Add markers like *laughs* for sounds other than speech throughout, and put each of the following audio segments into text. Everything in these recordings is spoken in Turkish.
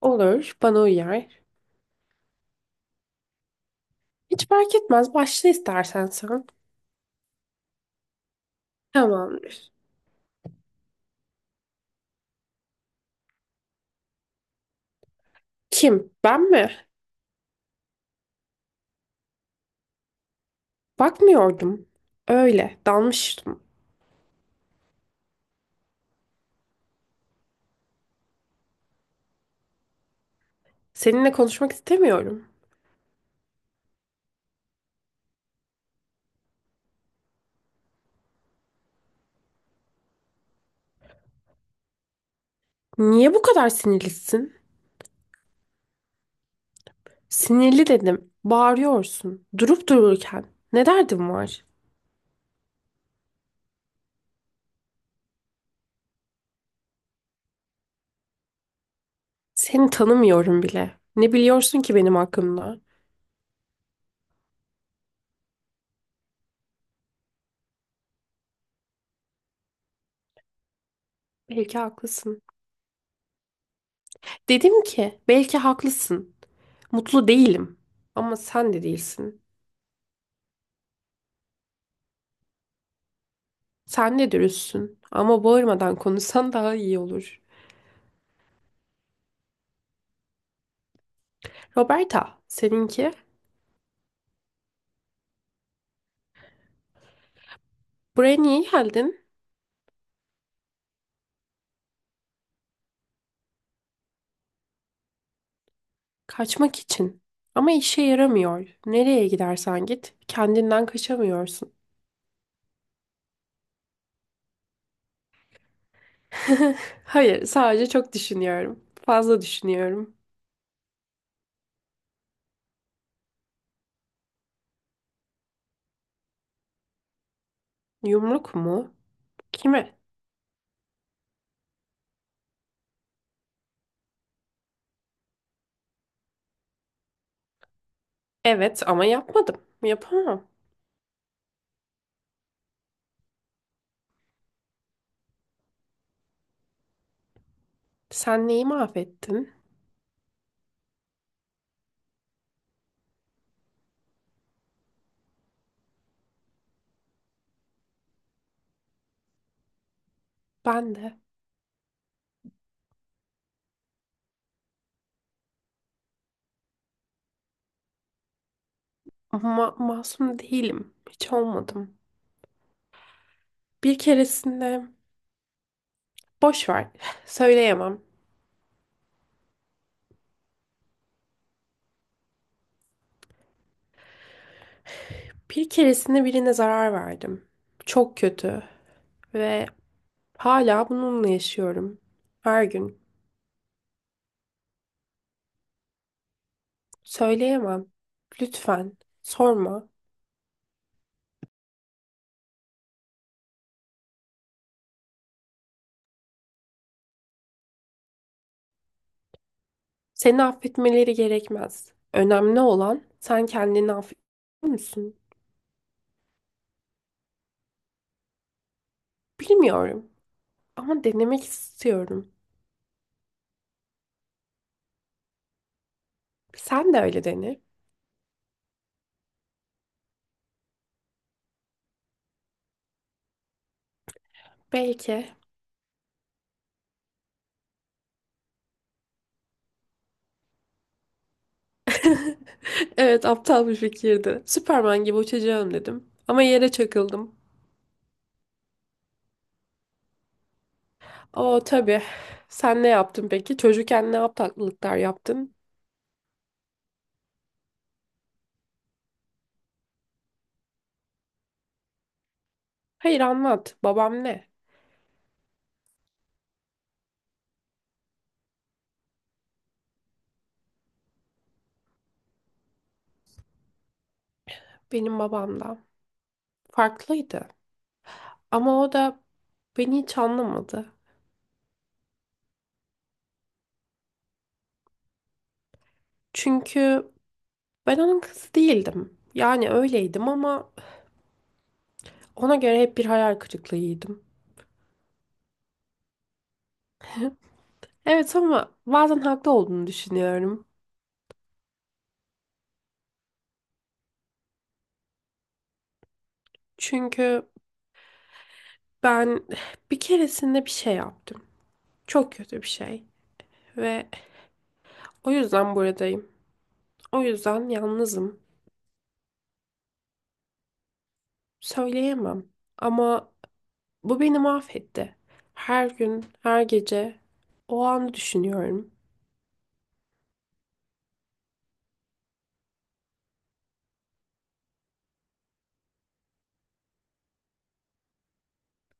Olur, bana uyar. Hiç fark etmez, başla istersen sen. Tamamdır. Kim? Ben mi? Bakmıyordum. Öyle, dalmıştım. Seninle konuşmak istemiyorum. Niye bu kadar sinirlisin? Sinirli dedim. Bağırıyorsun. Durup dururken. Ne derdin var? Seni tanımıyorum bile. Ne biliyorsun ki benim hakkımda? Belki haklısın. Dedim ki, belki haklısın. Mutlu değilim. Ama sen de değilsin. Sen de dürüstsün ama bağırmadan konuşsan daha iyi olur. Roberta, seninki? Buraya niye geldin? Kaçmak için. Ama işe yaramıyor. Nereye gidersen git, kendinden kaçamıyorsun. *laughs* Hayır, sadece çok düşünüyorum. Fazla düşünüyorum. Yumruk mu? Kime? Evet ama yapmadım. Yapamam. Sen neyi mahvettin? Ben de. Masum değilim. Hiç olmadım. Bir keresinde... Boş ver. *sighs* Söyleyemem. Bir keresinde birine zarar verdim. Çok kötü ve hala bununla yaşıyorum. Her gün. Söyleyemem. Lütfen sorma. Seni affetmeleri gerekmez. Önemli olan sen kendini affediyor musun? Bilmiyorum ama denemek istiyorum. Sen de öyle dene. Belki. *laughs* Evet, aptal bir fikirdi. Süperman gibi uçacağım dedim. Ama yere çakıldım. O tabii. Sen ne yaptın peki? Çocukken ne aptallıklar yaptın? Hayır anlat. Babam ne? Benim babam da farklıydı. Ama o da beni hiç anlamadı. Çünkü ben onun kızı değildim. Yani öyleydim ama ona göre hep bir hayal kırıklığıydım. Evet ama bazen haklı olduğunu düşünüyorum. Çünkü ben bir keresinde bir şey yaptım. Çok kötü bir şey. Ve o yüzden buradayım. O yüzden yalnızım. Söyleyemem ama bu beni mahvetti. Her gün, her gece o anı düşünüyorum.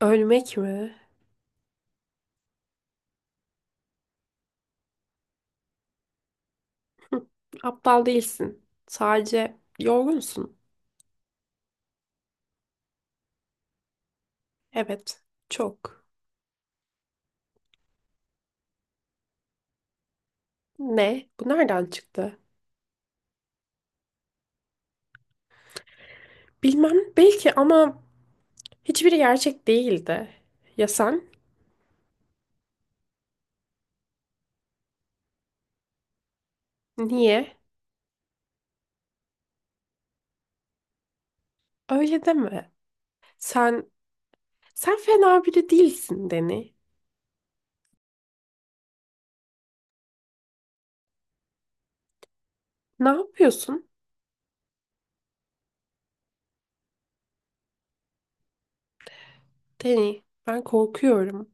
Ölmek mi? *laughs* Hı, aptal değilsin. Sadece yorgunsun. Evet, çok. Ne? Bu nereden çıktı? Bilmem, belki ama hiçbiri gerçek değildi. Ya sen? Niye? Öyle deme. Sen, sen fena biri değilsin Deni. Ne yapıyorsun? Deni, ben korkuyorum.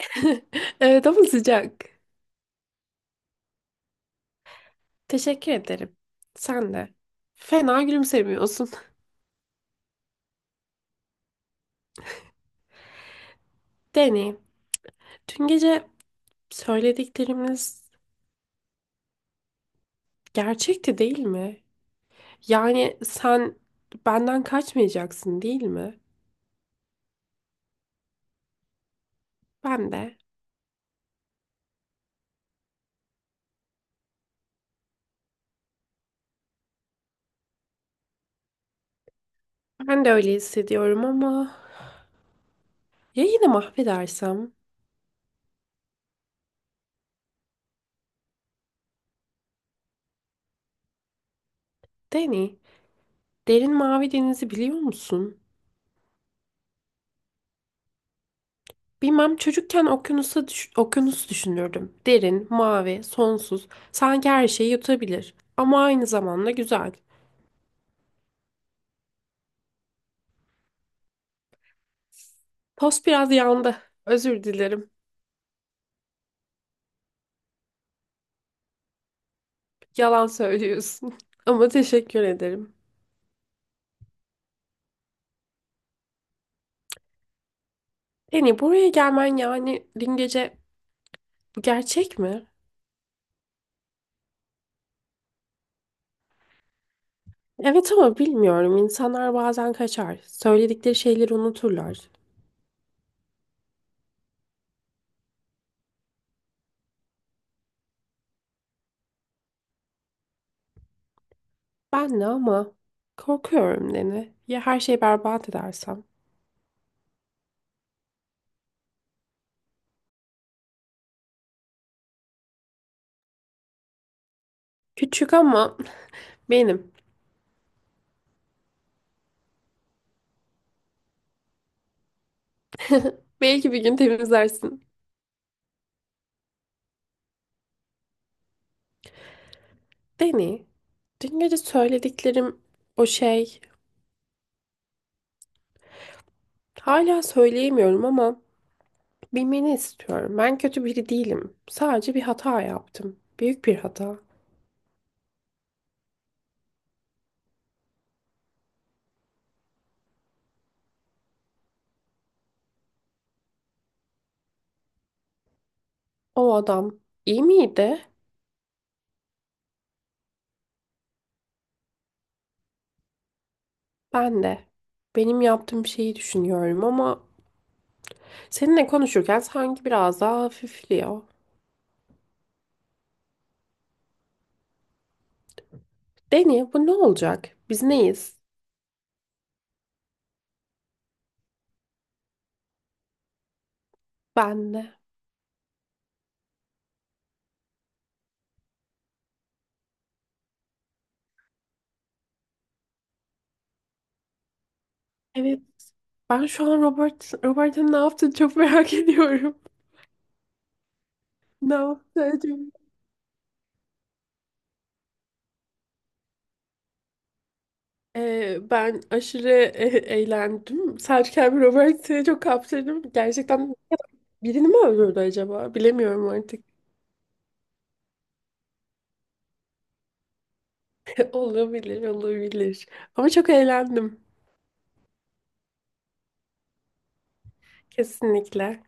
*laughs* Evet ama sıcak. Teşekkür ederim. Sen de. Fena gülümsemiyorsun. *laughs* Deneyim. Dün gece söylediklerimiz gerçekti değil mi? Yani sen benden kaçmayacaksın değil mi? Ben de. Ben de öyle hissediyorum ama ya yine mahvedersem? Deni, derin mavi denizi biliyor musun? Bilmem, çocukken okyanus düşünürdüm. Derin, mavi, sonsuz, sanki her şeyi yutabilir. Ama aynı zamanda güzel. Tost biraz yandı. Özür dilerim. Yalan söylüyorsun. *laughs* Ama teşekkür ederim. Yani buraya gelmen, yani dün gece, bu gerçek mi? Evet ama bilmiyorum. İnsanlar bazen kaçar. Söyledikleri şeyleri unuturlar. Ben de ama korkuyorum Deni. Ya her şeyi berbat edersem? Küçük ama *laughs* benim. Belki bir gün temizlersin. Deni, dün gece söylediklerim, o şey. Hala söyleyemiyorum ama bilmeni istiyorum. Ben kötü biri değilim. Sadece bir hata yaptım. Büyük bir hata. O adam iyi miydi? Ben de. Benim yaptığım şeyi düşünüyorum ama seninle konuşurken sanki biraz daha hafifliyor. Deni, bu ne olacak? Biz neyiz? Ben de. Evet. Ben şu an Robert'ın ne yaptığını çok merak *laughs* ediyorum. Ne yaptı acaba? Ben aşırı eğlendim. Sadece kendimi Robert'e çok kaptırdım. Gerçekten birini mi öldürdü acaba? Bilemiyorum artık. *laughs* Olabilir, olabilir. Ama çok eğlendim. Kesinlikle.